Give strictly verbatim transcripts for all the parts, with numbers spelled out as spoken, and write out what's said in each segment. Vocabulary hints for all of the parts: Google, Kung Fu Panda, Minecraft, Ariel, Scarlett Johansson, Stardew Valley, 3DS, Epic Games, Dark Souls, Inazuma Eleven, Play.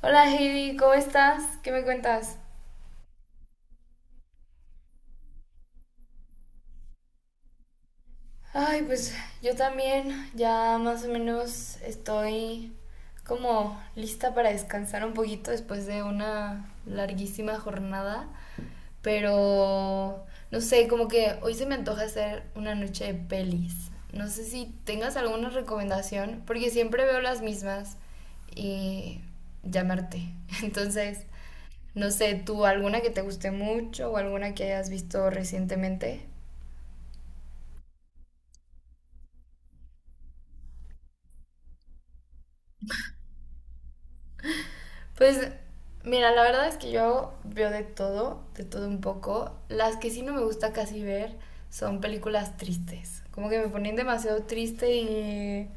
Hola Heidi, ¿cómo estás? ¿Qué me cuentas? Ay, pues yo también ya más o menos estoy como lista para descansar un poquito después de una larguísima jornada, pero no sé, como que hoy se me antoja hacer una noche de pelis. No sé si tengas alguna recomendación, porque siempre veo las mismas y llamarte. Entonces, no sé, ¿tú alguna que te guste mucho o alguna que hayas visto recientemente? Pues mira, la verdad es que yo veo de todo, de todo un poco. Las que sí no me gusta casi ver son películas tristes. Como que me ponen demasiado triste y,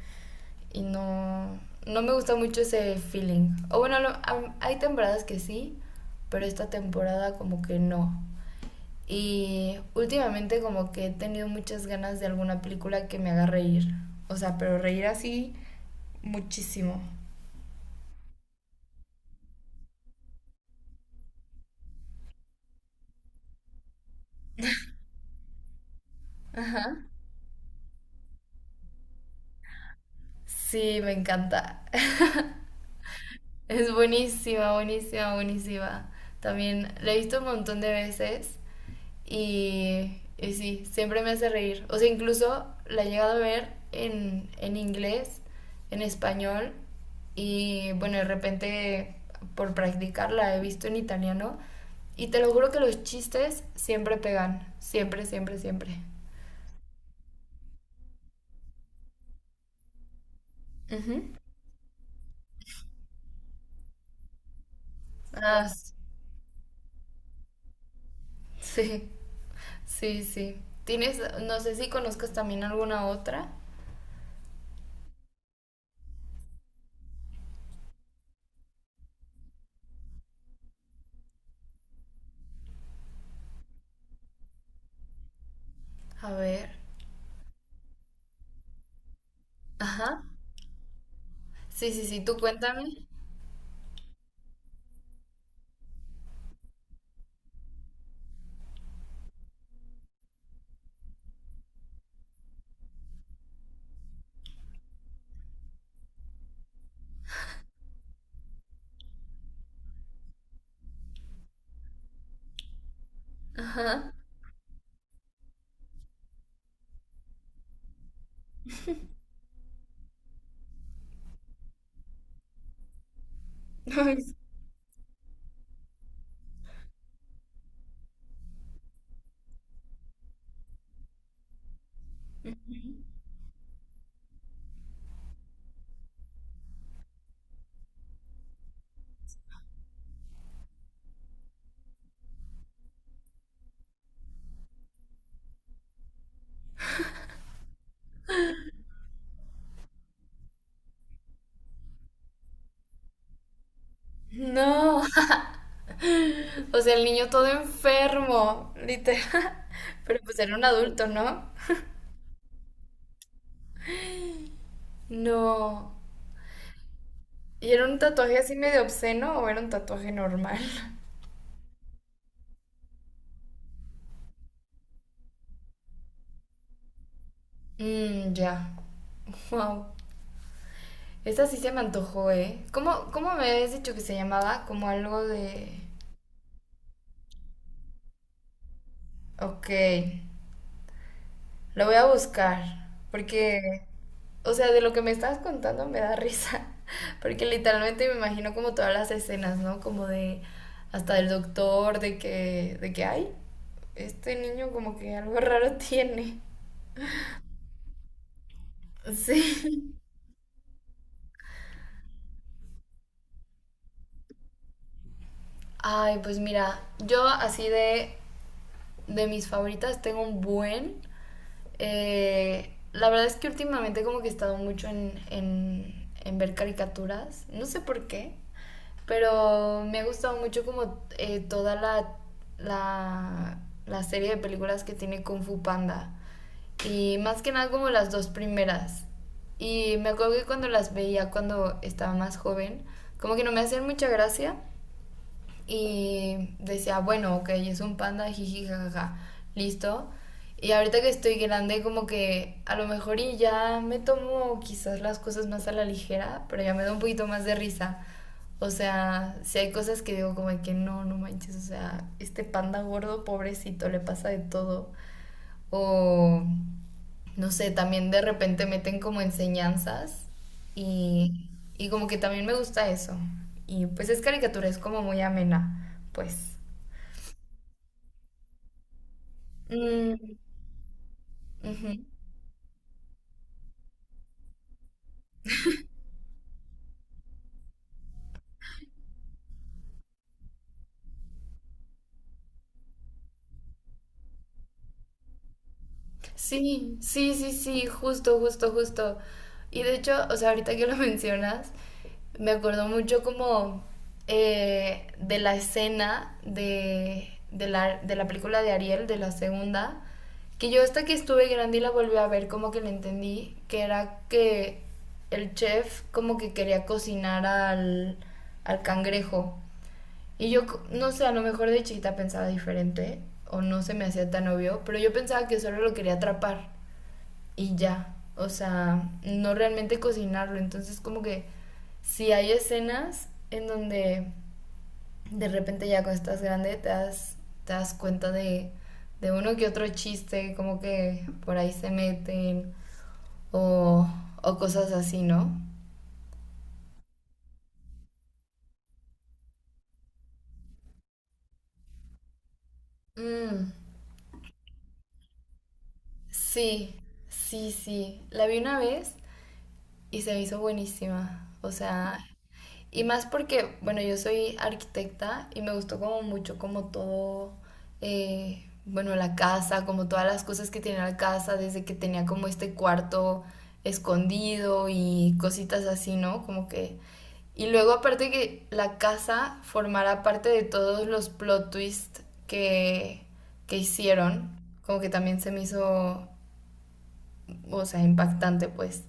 y no, no me gusta mucho ese feeling. O bueno, lo- am- hay temporadas que sí, pero esta temporada como que no. Y últimamente como que he tenido muchas ganas de alguna película que me haga reír. O sea, pero reír así muchísimo. Ajá. Sí, me encanta. Es buenísima, buenísima, buenísima. También la he visto un montón de veces y, y sí, siempre me hace reír. O sea, incluso la he llegado a ver en, en inglés, en español y bueno, de repente por practicar la he visto en italiano y te lo juro que los chistes siempre pegan, siempre, siempre, siempre. Ujú. Ah, s- sí, sí, sí. ¿Tienes, no sé si conozcas también alguna otra? A ver. Ajá. Sí, sí, sí, tú cuéntame. Ajá. Ay, no. O sea, el niño todo enfermo, literal. Pero pues era un adulto, ¿no? No. ¿Y era un tatuaje así medio obsceno o era un tatuaje normal? Mmm, ya. Wow. Esa sí se me antojó, ¿eh? ¿Cómo, cómo me habías dicho que se llamaba? Como algo de... Ok. Lo voy a buscar, porque, o sea, de lo que me estabas contando me da risa, porque literalmente me imagino como todas las escenas, ¿no? Como de hasta del doctor, de que, de que, ay, este niño como que algo raro tiene. Sí. Ay, pues mira, yo así de de mis favoritas, tengo un buen. Eh, la verdad es que últimamente como que he estado mucho en, en, en ver caricaturas, no sé por qué, pero me ha gustado mucho como eh, toda la, la, la serie de películas que tiene Kung Fu Panda. Y más que nada como las dos primeras. Y me acuerdo que cuando las veía cuando estaba más joven, como que no me hacían mucha gracia, y decía, bueno, ok, es un panda, jiji, jajaja, listo. Y ahorita que estoy grande, como que a lo mejor y ya me tomo quizás las cosas más a la ligera, pero ya me da un poquito más de risa. O sea, si hay cosas que digo como que no, no manches, o sea, este panda gordo, pobrecito, le pasa de todo. O, no sé, también de repente meten como enseñanzas y, y como que también me gusta eso. Y pues es caricatura, es como muy amena, pues. Mm, ujú. Sí, sí, sí, sí, justo, justo, justo. Y de hecho, o sea, ahorita que lo mencionas, me acordó mucho como eh, de la escena de, de la, de la película de Ariel, de la segunda, que yo hasta que estuve grande y la volví a ver, como que la entendí, que era que el chef como que quería cocinar al, al cangrejo. Y yo, co- no sé, a lo mejor de chiquita pensaba diferente, o no se me hacía tan obvio, pero yo pensaba que solo lo quería atrapar y ya. O sea, no realmente cocinarlo. Entonces, como que si hay escenas en donde de repente ya cuando estás grande te das, te das cuenta de, de uno que otro chiste, como que por ahí se meten o, o cosas así, ¿no? Mm, sí, sí, sí. La vi una vez y se me hizo buenísima. O sea, y más porque, bueno, yo soy arquitecta y me gustó como mucho como todo, eh, bueno, la casa, como todas las cosas que tenía la casa, desde que tenía como este cuarto escondido y cositas así, ¿no? Como que... Y luego aparte que la casa formará parte de todos los plot twists que, que hicieron, como que también se me hizo, o sea, impactante, pues.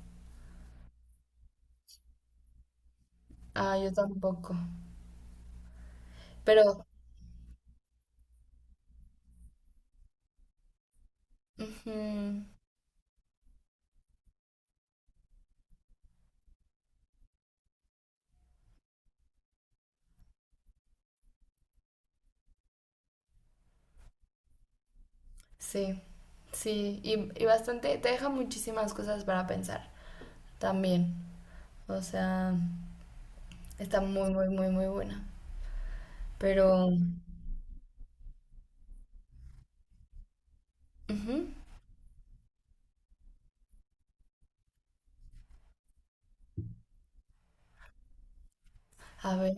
Ah, yo tampoco. Pero... ujú. Sí, sí, y, y bastante, te deja muchísimas cosas para pensar también. O sea, está muy, muy, muy, muy buena. Pero, ujú, a ver,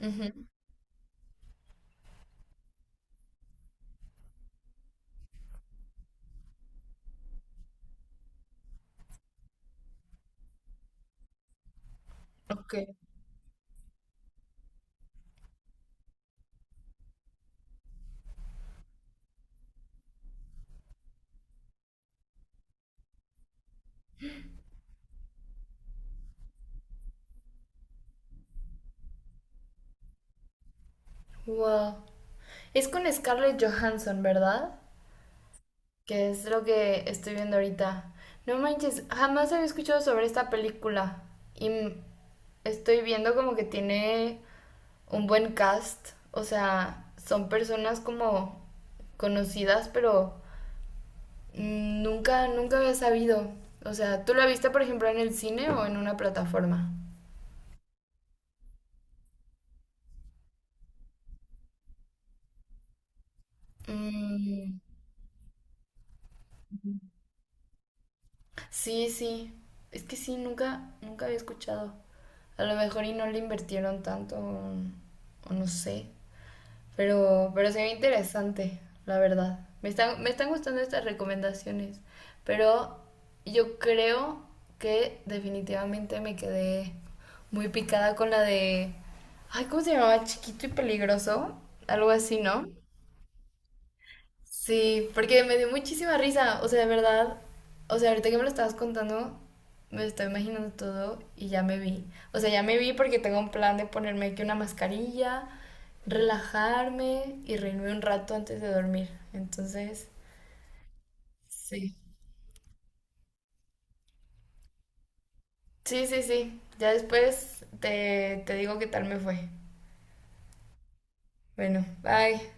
ujú, ok, wow. Es con Scarlett Johansson, ¿verdad? Que es lo que estoy viendo ahorita. No manches, jamás había escuchado sobre esta película. Y m- estoy viendo como que tiene un buen cast. O sea, son personas como conocidas, pero mm, nunca, nunca había sabido. O sea, ¿tú la viste, por ejemplo, en el cine o en una plataforma? Mm, sí, sí. Es que sí, nunca, nunca había escuchado. A lo mejor y no le invirtieron tanto, o, o no sé. Pero, pero se ve interesante, la verdad. Me están, me están gustando estas recomendaciones, pero yo creo que definitivamente me quedé muy picada con la de... Ay, ¿cómo se llamaba? Chiquito y peligroso. Algo así, ¿no? Sí, porque me dio muchísima risa, o sea, de verdad, o sea, ahorita que me lo estabas contando, me estoy imaginando todo y ya me vi. O sea, ya me vi porque tengo un plan de ponerme aquí una mascarilla, relajarme y reírme un rato antes de dormir. Entonces, sí. Sí, sí, sí. Ya después te, te digo qué tal me fue. Bueno, bye.